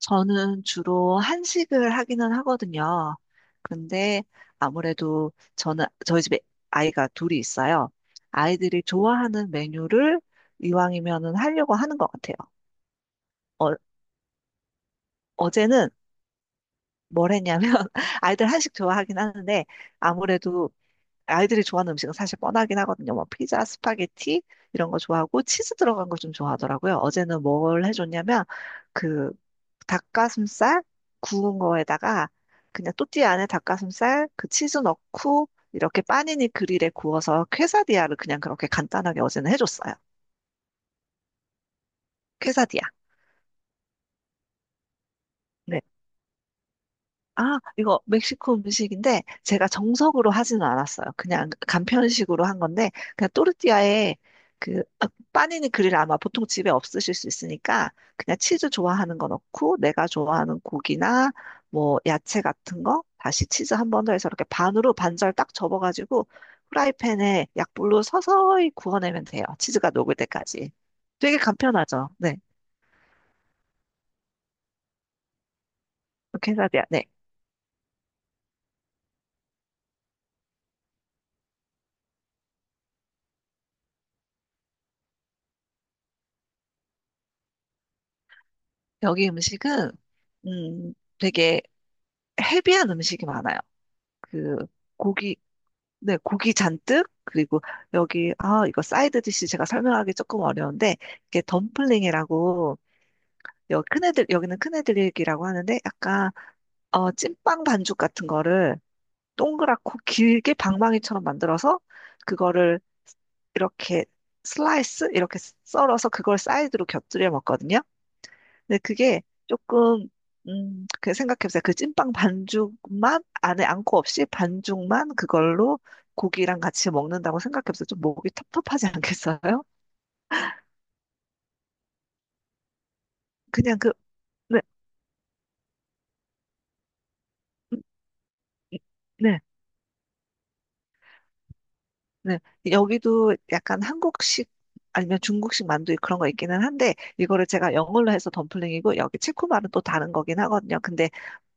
저는 주로 한식을 하기는 하거든요. 근데 아무래도 저는 저희 집에 아이가 둘이 있어요. 아이들이 좋아하는 메뉴를 이왕이면은 하려고 하는 것 같아요. 어, 어제는 뭘 했냐면 아이들 한식 좋아하긴 하는데 아무래도 아이들이 좋아하는 음식은 사실 뻔하긴 하거든요. 뭐 피자, 스파게티 이런 거 좋아하고 치즈 들어간 거 좀 좋아하더라고요. 어제는 뭘 해줬냐면 그 닭가슴살 구운 거에다가 그냥 또띠아 안에 닭가슴살 그 치즈 넣고 이렇게 빠니니 그릴에 구워서 퀘사디아를 그냥 그렇게 간단하게 어제는 해줬어요. 퀘사디아. 네. 아, 이거 멕시코 음식인데 제가 정석으로 하지는 않았어요. 그냥 간편식으로 한 건데 그냥 또르띠아에 그 빠니니 그릴 아마 보통 집에 없으실 수 있으니까 그냥 치즈 좋아하는 거 넣고 내가 좋아하는 고기나 뭐 야채 같은 거 다시 치즈 한 번 더 해서 이렇게 반으로 반절 딱 접어가지고 프라이팬에 약불로 서서히 구워내면 돼요. 치즈가 녹을 때까지. 되게 간편하죠. 네. 캔사디아. 네. 여기 음식은 음 되게 헤비한 음식이 많아요. 그 고기, 네, 고기 잔뜩. 그리고 여기 이거 사이드 디시 제가 설명하기 조금 어려운데 이게 덤플링이라고. 여기 큰애들, 여기는 큰애들이라고 하는데 약간 찐빵 반죽 같은 거를 동그랗고 길게 방망이처럼 만들어서 그거를 이렇게 슬라이스 이렇게 썰어서 그걸 사이드로 곁들여 먹거든요. 근데 그게 조금, 그 생각해보세요. 그 찐빵 반죽만, 안에 안고 없이 반죽만 그걸로 고기랑 같이 먹는다고 생각해보세요. 좀 목이 텁텁하지 않겠어요? 그냥 그 네. 음. 음. 네. 네. 여기도 약간 한국식 아니면 중국식 만두 그런 거 있기는 한데, 이거를 제가 영어로 해서 덤플링이고 여기 체코말은 또 다른 거긴 하거든요. 근데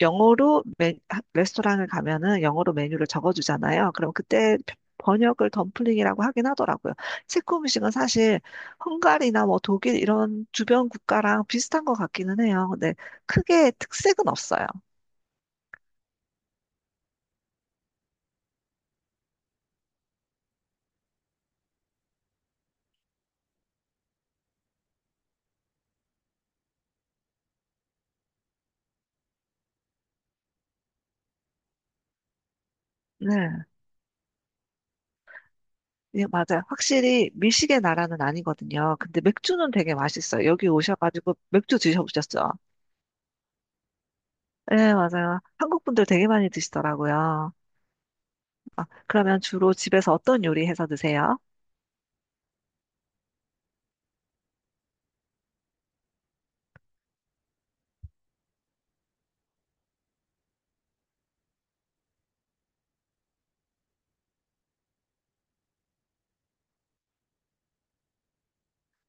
영어로 레스토랑을 가면은 영어로 메뉴를 적어주잖아요. 그럼 그때 번역을 덤플링이라고 하긴 하더라고요. 체코 음식은 사실 헝가리나 뭐 독일 이런 주변 국가랑 비슷한 것 같기는 해요. 근데 크게 특색은 없어요. 네. 예, 맞아요. 확실히 미식의 나라는 아니거든요. 근데 맥주는 되게 맛있어요. 여기 오셔가지고 맥주 드셔보셨죠? 네, 맞아요. 한국 분들 되게 많이 드시더라고요. 아, 그러면 주로 집에서 어떤 요리 해서 드세요?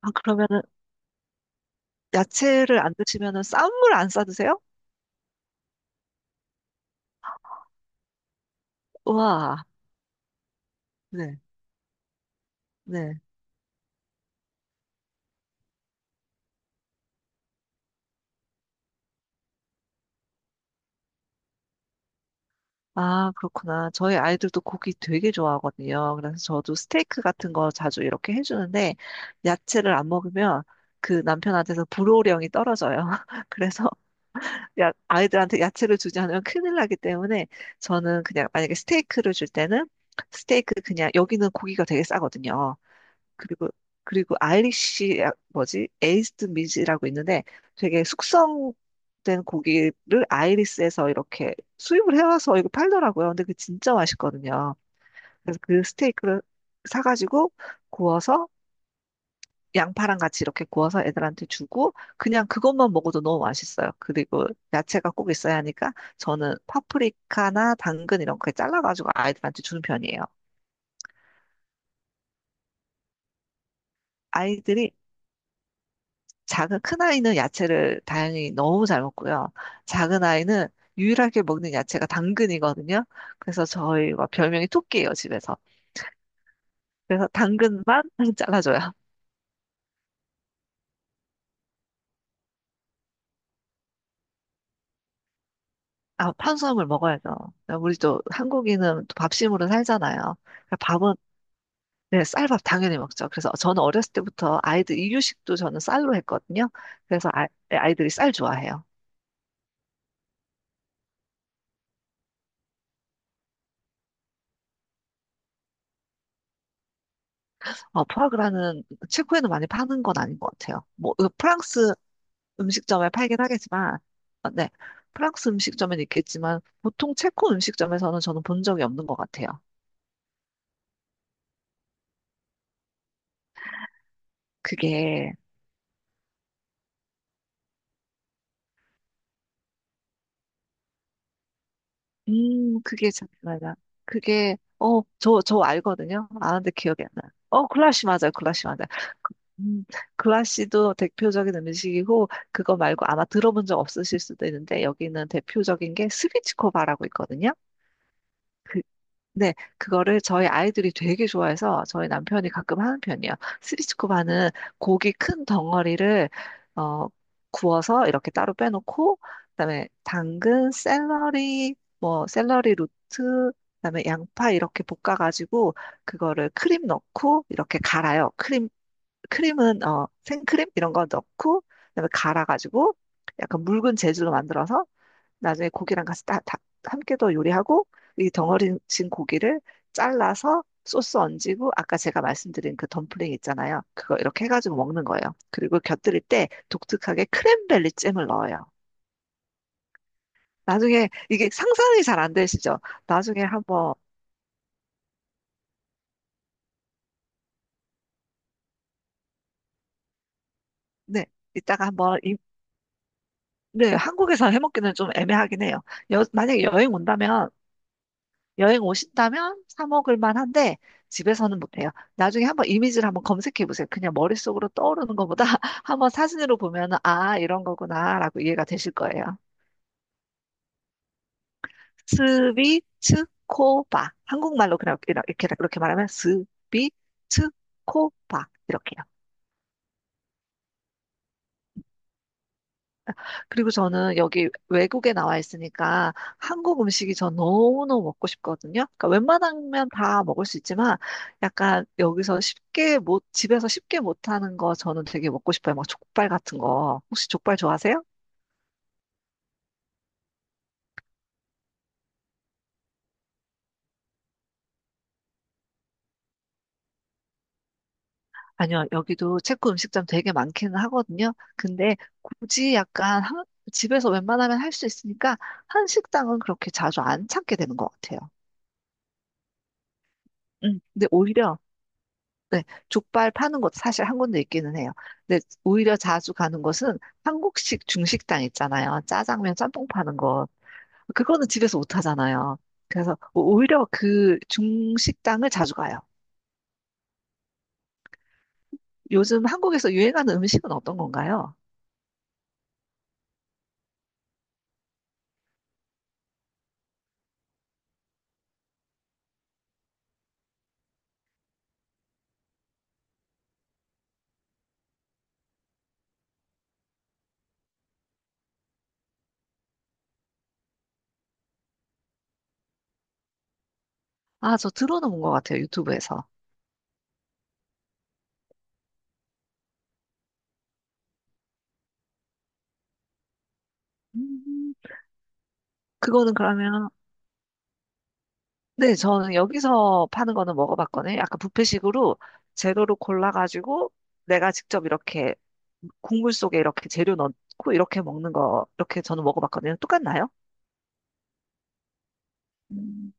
아, 그러면은 야채를 안 드시면은 쌈을 안 싸 드세요? 우와. 네, 네. 아, 그렇구나. 저희 아이들도 고기 되게 좋아하거든요. 그래서 저도 스테이크 같은 거 자주 이렇게 해주는데 야채를 안 먹으면 그 남편한테서 불호령이 떨어져요. 그래서 야, 아이들한테 야채를 주지 않으면 큰일 나기 때문에 저는 그냥, 만약에 스테이크를 줄 때는 스테이크, 그냥 여기는 고기가 되게 싸거든요. 그리고 아이리쉬 뭐지? 에이스드 미즈라고 있는데, 되게 숙성된 고기를 아이리스에서 이렇게 수입을 해와서 이거 팔더라고요. 근데 그 진짜 맛있거든요. 그래서 그 스테이크를 사가지고 구워서 양파랑 같이 이렇게 구워서 애들한테 주고 그냥, 그것만 먹어도 너무 맛있어요. 그리고 야채가 꼭 있어야 하니까 저는 파프리카나 당근 이런 거 잘라가지고 아이들한테 주는 편이에요. 아이들이 작은 큰 아이는 야채를 다행히 너무 잘 먹고요. 작은 아이는 유일하게 먹는 야채가 당근이거든요. 그래서 저희가 별명이 토끼예요, 집에서. 그래서 당근만 잘라줘요. 아, 탄수화물 먹어야죠. 우리 또 한국인은 또 밥심으로 살잖아요. 그러니까 밥은, 네, 쌀밥 당연히 먹죠. 그래서 저는 어렸을 때부터 아이들 이유식도 저는 쌀로 했거든요. 그래서 아이들이 쌀 좋아해요. 포아그라는 체코에는 많이 파는 건 아닌 것 같아요. 뭐 프랑스 음식점에 팔긴 하겠지만, 네, 프랑스 음식점엔 있겠지만 보통 체코 음식점에서는 저는 본 적이 없는 것 같아요. 그게, 잠깐만요. 그게, 저 알거든요. 아는데 기억이 안 나요. 글라시 맞아요. 글라시 맞아요. 그- 음, 글라시도 대표적인 음식이고 그거 말고 아마 들어본 적 없으실 수도 있는데, 여기는 대표적인 게 스비치코바라고 있거든요. 그 네, 그거를 저희 아이들이 되게 좋아해서 저희 남편이 가끔 하는 편이에요. 스비츠코바는 고기 큰 덩어리를 어, 구워서 이렇게 따로 빼놓고 그다음에 당근, 샐러리, 뭐 샐러리 루트, 그다음에 양파 이렇게 볶아가지고 그거를 크림 넣고 이렇게 갈아요. 크림은 생크림 이런 거 넣고 그다음에 갈아가지고 약간 묽은 재질로 만들어서 나중에 고기랑 같이 다 함께 더 요리하고 이 덩어리진 고기를 잘라서 소스 얹이고, 아까 제가 말씀드린 그 덤플링 있잖아요. 그거 이렇게 해가지고 먹는 거예요. 그리고 곁들일 때 독특하게 크랜베리 잼을 넣어요. 나중에, 이게 상상이 잘 안 되시죠? 나중에 한번. 네. 이따가 한번 네, 한국에서 해먹기는 좀 애매하긴 해요. 만약에 여행 온다면, 여행 오신다면 사 먹을 만한데 집에서는 못해요. 나중에 한번 이미지를 한번 검색해 보세요. 그냥 머릿속으로 떠오르는 것보다 한번 사진으로 보면은 아, 이런 거구나라고 이해가 되실 거예요. 스비츠코바. 한국말로 그냥 이렇게 이렇게 말하면 스비츠코바 이렇게요. 그리고 저는 여기 외국에 나와 있으니까 한국 음식이 전 너무너무 먹고 싶거든요. 그러니까 웬만하면 다 먹을 수 있지만 약간 여기서 쉽게 못, 집에서 쉽게 못하는 거 저는 되게 먹고 싶어요. 막 족발 같은 거. 혹시 족발 좋아하세요? 아니요, 여기도 체코 음식점 되게 많기는 하거든요. 근데 굳이 약간 집에서 웬만하면 할 수 있으니까 한식당은 그렇게 자주 안 찾게 되는 것 같아요. 근데 오히려, 네, 족발 파는 곳 사실 한 군데 있기는 해요. 근데 오히려 자주 가는 곳은 한국식 중식당 있잖아요. 짜장면, 짬뽕 파는 곳. 그거는 집에서 못 하잖아요. 그래서 오히려 그 중식당을 자주 가요. 요즘 한국에서 유행하는 음식은 어떤 건가요? 아, 저 들어는 본 것 같아요. 유튜브에서. 음, 그거는 그러면, 네, 저는 여기서 파는 거는 먹어봤거든요. 약간 뷔페식으로 재료로 골라가지고 내가 직접 이렇게 국물 속에 이렇게 재료 넣고 이렇게 먹는 거, 이렇게 저는 먹어봤거든요. 똑같나요? 음.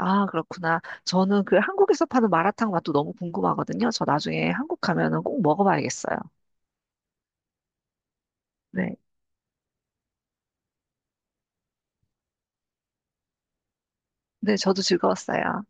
아, 그렇구나. 저는 그 한국에서 파는 마라탕 맛도 너무 궁금하거든요. 저 나중에 한국 가면은 꼭 먹어봐야겠어요. 네. 네, 저도 즐거웠어요.